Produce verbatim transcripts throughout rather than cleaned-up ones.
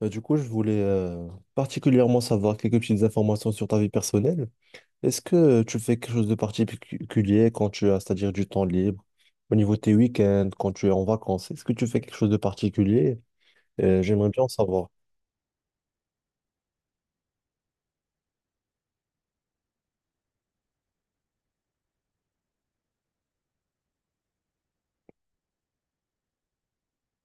Bah, du coup, je voulais euh, particulièrement savoir quelques petites informations sur ta vie personnelle. Est-ce que euh, tu fais quelque chose de particulier quand tu as, c'est-à-dire du temps libre, au niveau de tes week-ends, quand tu es en vacances? Est-ce que tu fais quelque chose de particulier? Euh, j'aimerais bien en savoir.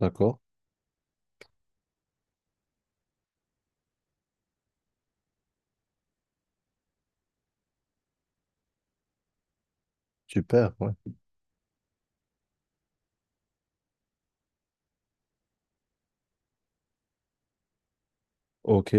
D'accord. Super, ouais. Ok.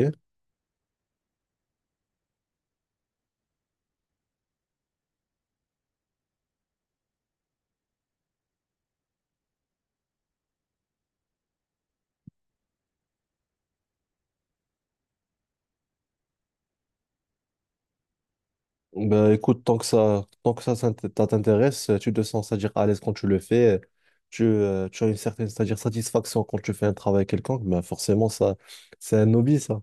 Bah, écoute, tant que ça, tant que ça s'int- ça t'intéresse, tu, te sens, c'est-à-dire à l'aise quand tu le fais, tu, euh, tu as une certaine, c'est-à-dire satisfaction quand tu fais un travail quelconque, bah, forcément, ça, c'est un hobby, ça.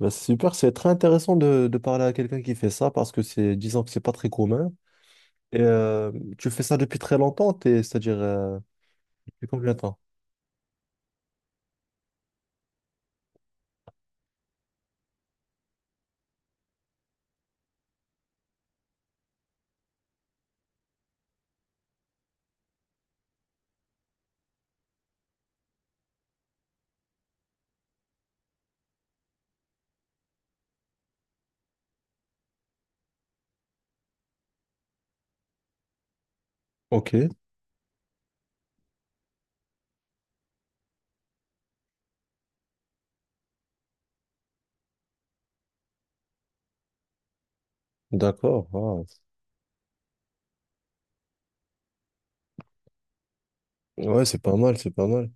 Bah, c'est super, c'est très intéressant de, de parler à quelqu'un qui fait ça parce que c'est, disons que c'est pas très commun. Et euh, tu fais ça depuis très longtemps, t'es- c'est-à-dire euh, depuis combien de temps? Ok, d'accord. Wow. Ouais, c'est pas mal, c'est pas mal.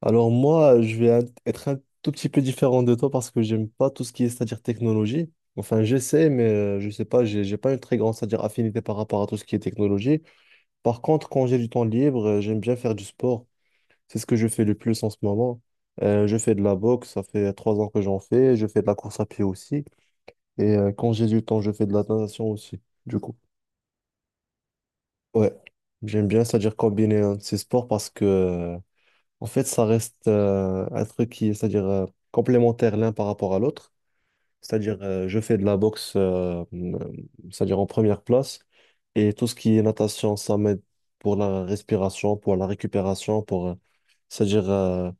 Alors moi, je vais un- être un tout petit peu différent de toi parce que j'aime pas tout ce qui est, c'est-à-dire technologie. Enfin, j'essaie, mais euh, je sais pas, j'ai j'ai pas une très grande, c'est-à-dire affinité par rapport à tout ce qui est technologie. Par contre, quand j'ai du temps libre, euh, j'aime bien faire du sport. C'est ce que je fais le plus en ce moment. Euh, je fais de la boxe, ça fait trois ans que j'en fais. Je fais de la course à pied aussi. Et euh, quand j'ai du temps, je fais de la natation aussi. Du coup, ouais, j'aime bien, c'est-à-dire combiner euh, ces sports parce que euh, en fait, ça reste euh, un truc qui est, c'est-à-dire euh, complémentaire l'un par rapport à l'autre. C'est-à-dire, euh, je fais de la boxe, euh, euh, c'est-à-dire en première place, et tout ce qui est natation, ça m'aide pour la respiration, pour la récupération, pour, euh, c'est-à-dire, euh,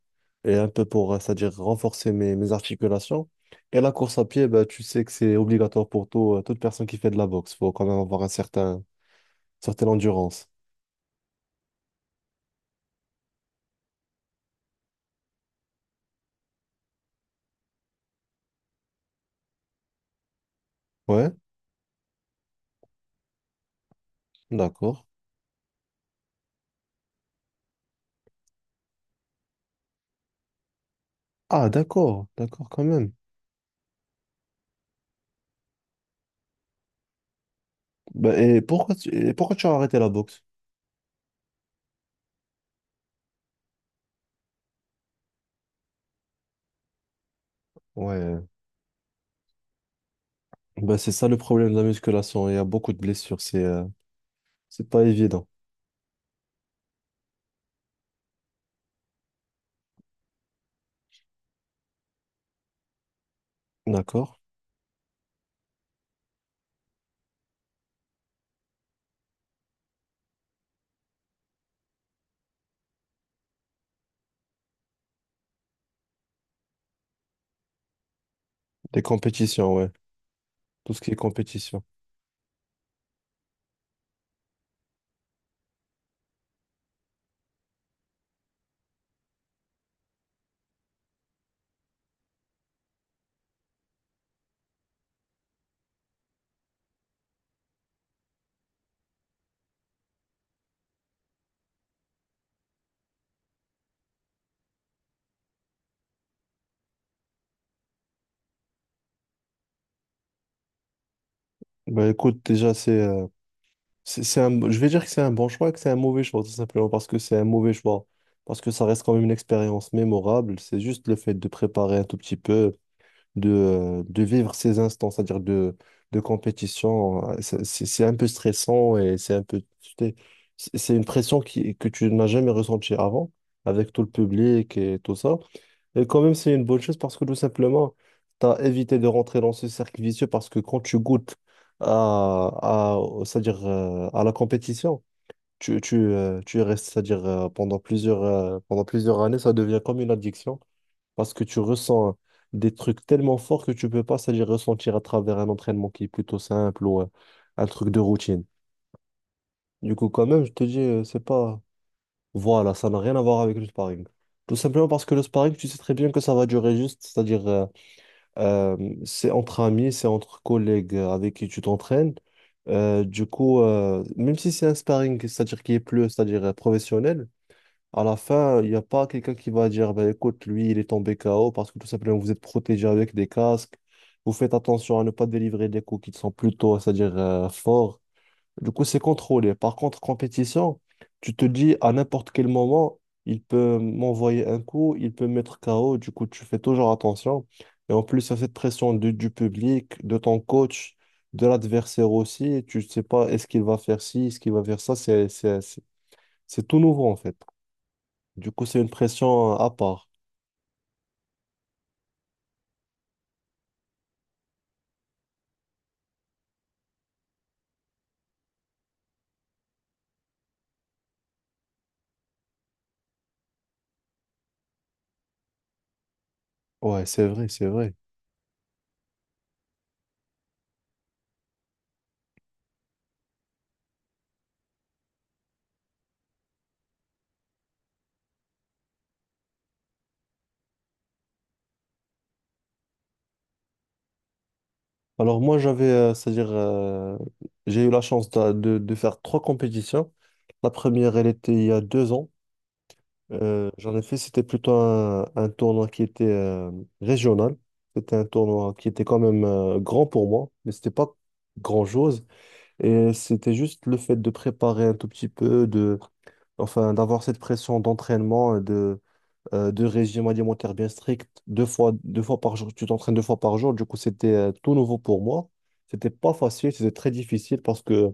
et un peu pour, euh, c'est-à-dire renforcer mes, mes articulations. Et la course à pied, bah, tu sais que c'est obligatoire pour tout, euh, toute personne qui fait de la boxe. Faut quand même avoir un certain, certaine endurance. Ouais, d'accord. Ah, d'accord, d'accord, quand même. Bah, et pourquoi tu, et pourquoi tu as arrêté la boxe? Ouais. Bah, c'est ça le problème de la musculation. Il y a beaucoup de blessures. C'est euh, c'est pas évident. D'accord? Des compétitions, ouais. Tout ce qui est compétition. Bah, écoute, déjà, c'est euh, c'est c'est un, je vais dire que c'est un bon choix et que c'est un mauvais choix, tout simplement parce que c'est un mauvais choix. Parce que ça reste quand même une expérience mémorable. C'est juste le fait de préparer un tout petit peu, de, euh, de vivre ces instants, c'est-à-dire de, de compétition. euh, C'est c'est- c'est un peu stressant et c'est un peu, tu sais, c'est c'est une pression qui, que tu n'as jamais ressentie avant, avec tout le public et tout ça. Et quand même, c'est une bonne chose parce que tout simplement, tu as évité de rentrer dans ce cercle vicieux parce que quand tu goûtes à, à, au- c'est-à-dire, euh, à la compétition. Tu, tu, euh, tu y restes, c'est-à-dire euh, pendant plusieurs, euh, pendant plusieurs années, ça devient comme une addiction parce que tu ressens des trucs tellement forts que tu peux pas c'est-à-dire ressentir à travers un entraînement qui est plutôt simple ou euh, un truc de routine. Du coup, quand même, je te dis, euh, c'est pas. Voilà, ça n'a rien à voir avec le sparring. Tout simplement parce que le sparring, tu sais très bien que ça va durer juste, c'est-à-dire euh, euh, c'est entre amis, c'est entre collègues euh, avec qui tu t'entraînes. Euh, du coup, euh, même si c'est un sparring, c'est-à-dire qui est plus, c'est-à-dire euh, professionnel, à la fin, il n'y a pas quelqu'un qui va dire, ben, écoute, lui, il est tombé K O parce que tout simplement, vous êtes protégé avec des casques. Vous faites attention à ne pas délivrer des coups qui sont plutôt, c'est-à-dire euh, forts. Du coup, c'est contrôlé. Par contre, compétition, tu te dis à n'importe quel moment, il peut m'envoyer un coup, il peut me mettre K O. Du coup, tu fais toujours attention. Et en plus, il y a cette pression du, du public, de ton coach, de l'adversaire aussi. Tu ne sais pas, est-ce qu'il va faire ci, est-ce qu'il va faire ça. C'est, c'est, c'est c'est tout nouveau, en fait. Du coup, c'est une pression euh, à part. Ouais, c'est vrai, c'est vrai. Alors moi, j'avais, euh, c'est-à-dire, euh, j'ai eu la chance de, de- de faire trois compétitions. La première, elle était il y a deux ans. Euh, j'en ai fait, c'était plutôt un, un, tournoi qui était euh, régional. C'était un tournoi qui était quand même euh, grand pour moi, mais c'était pas grand-chose. Et c'était juste le fait de préparer un tout petit peu, de, enfin, d'avoir cette pression d'entraînement, et de euh, de régime alimentaire bien strict, deux fois, deux fois par jour, tu t'entraînes deux fois par jour. Du coup, c'était euh, tout nouveau pour moi. C'était pas facile, c'était très difficile parce que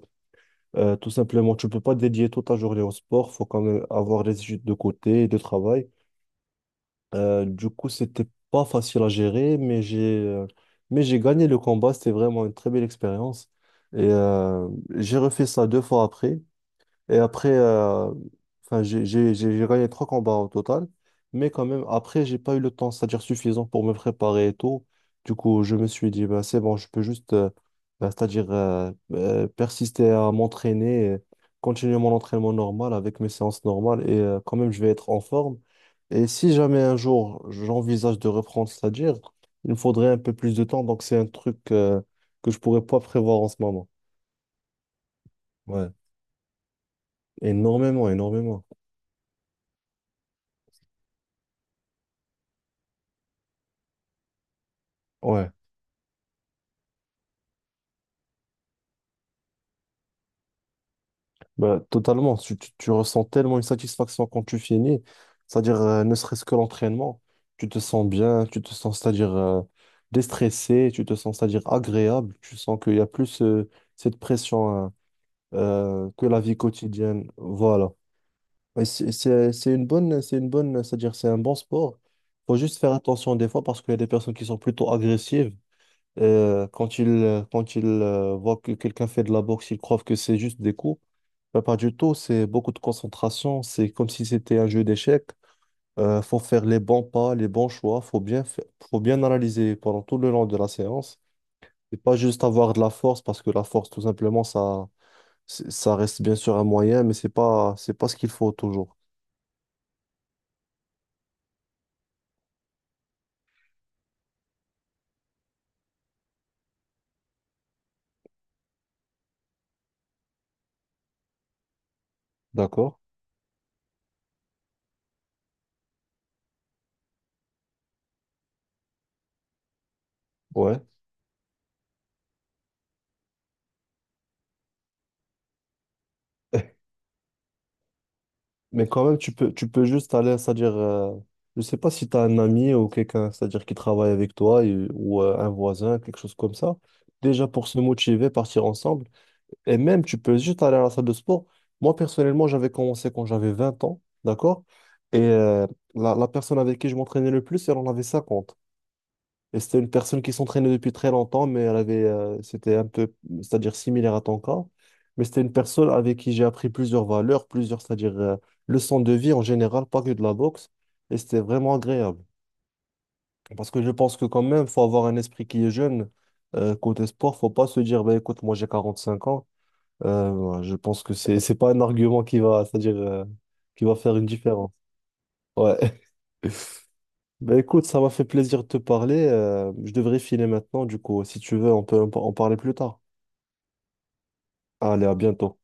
euh, tout simplement, tu peux pas dédier toute ta journée au sport. Faut quand même avoir les études de côté et de travail. Euh, du coup, c'était pas facile à gérer, mais j'ai euh, mais j'ai gagné le combat. C'était vraiment une très belle expérience. Et euh, j'ai refait ça deux fois après. Et après, euh, enfin, j'ai j'ai- j'ai- j'ai gagné trois combats au total. Mais quand même, après, j'ai pas eu le temps, c'est-à-dire suffisant pour me préparer et tout. Du coup, je me suis dit, bah, c'est bon, je peux juste, euh, bah, c'est-à-dire euh, euh, persister à m'entraîner, et continuer mon entraînement normal avec mes séances normales et euh, quand même, je vais être en forme. Et si jamais un jour, j'envisage de reprendre, c'est-à-dire, il me faudrait un peu plus de temps. Donc, c'est un truc euh, que je pourrais pas prévoir en ce moment. Ouais, énormément, énormément. Ouais. Bah, totalement, tu, tu, tu ressens tellement une satisfaction quand tu finis, c'est-à-dire euh, ne serait-ce que l'entraînement, tu te sens bien, tu te sens, c'est-à-dire euh, déstressé, tu te sens, c'est-à-dire agréable, tu sens qu'il y a plus euh, cette pression hein, euh, que la vie quotidienne, voilà. Et C'est c'est- c'est une bonne, c'est une bonne, c'est-à-dire c'est un bon sport, faut juste faire attention des fois parce qu'il y a des personnes qui sont plutôt agressives euh, quand ils, quand ils euh, voient que quelqu'un fait de la boxe, ils croient que c'est juste des coups. Mais pas du tout, c'est beaucoup de concentration. C'est comme si c'était un jeu d'échecs. Euh, faut faire les bons pas, les bons choix. Faut bien fa- faut bien analyser pendant tout le long de la séance. Et pas juste avoir de la force, parce que la force, tout simplement, ça, c'est- ça reste bien sûr un moyen, mais c'est pas, c'est pas ce qu'il faut toujours. D'accord? Ouais. Mais quand même, tu peux, tu peux juste aller, c'est-à-dire, euh, je sais pas si tu as un ami ou quelqu'un, c'est-à-dire qui travaille avec toi et- ou euh, un voisin, quelque chose comme ça. Déjà pour se motiver, partir ensemble. Et même, tu peux juste aller à la salle de sport. Moi, personnellement, j'avais commencé quand j'avais vingt ans, d'accord? Et euh, la, la personne avec qui je m'entraînais le plus, elle en avait cinquante et c'était une personne qui s'entraînait depuis très longtemps, mais elle avait, euh, c'était un peu, c'est-à-dire similaire à ton cas. Mais c'était une personne avec qui j'ai appris plusieurs valeurs, plusieurs, c'est-à-dire euh, leçons de vie en général, pas que de la boxe. Et c'était vraiment agréable. Parce que je pense que quand même, faut avoir un esprit qui est jeune. Euh, côté sport, faut pas se dire, bah, écoute, moi j'ai quarante-cinq ans. Euh, ouais, je pense que c'est, c'est, pas un argument qui va, c'est-à-dire, euh, qui va faire une différence. Ouais. Bah écoute, ça m'a fait plaisir de te parler. Euh, je devrais filer maintenant, du coup. Si tu veux, on peut en par- en parler plus tard. Allez, à bientôt.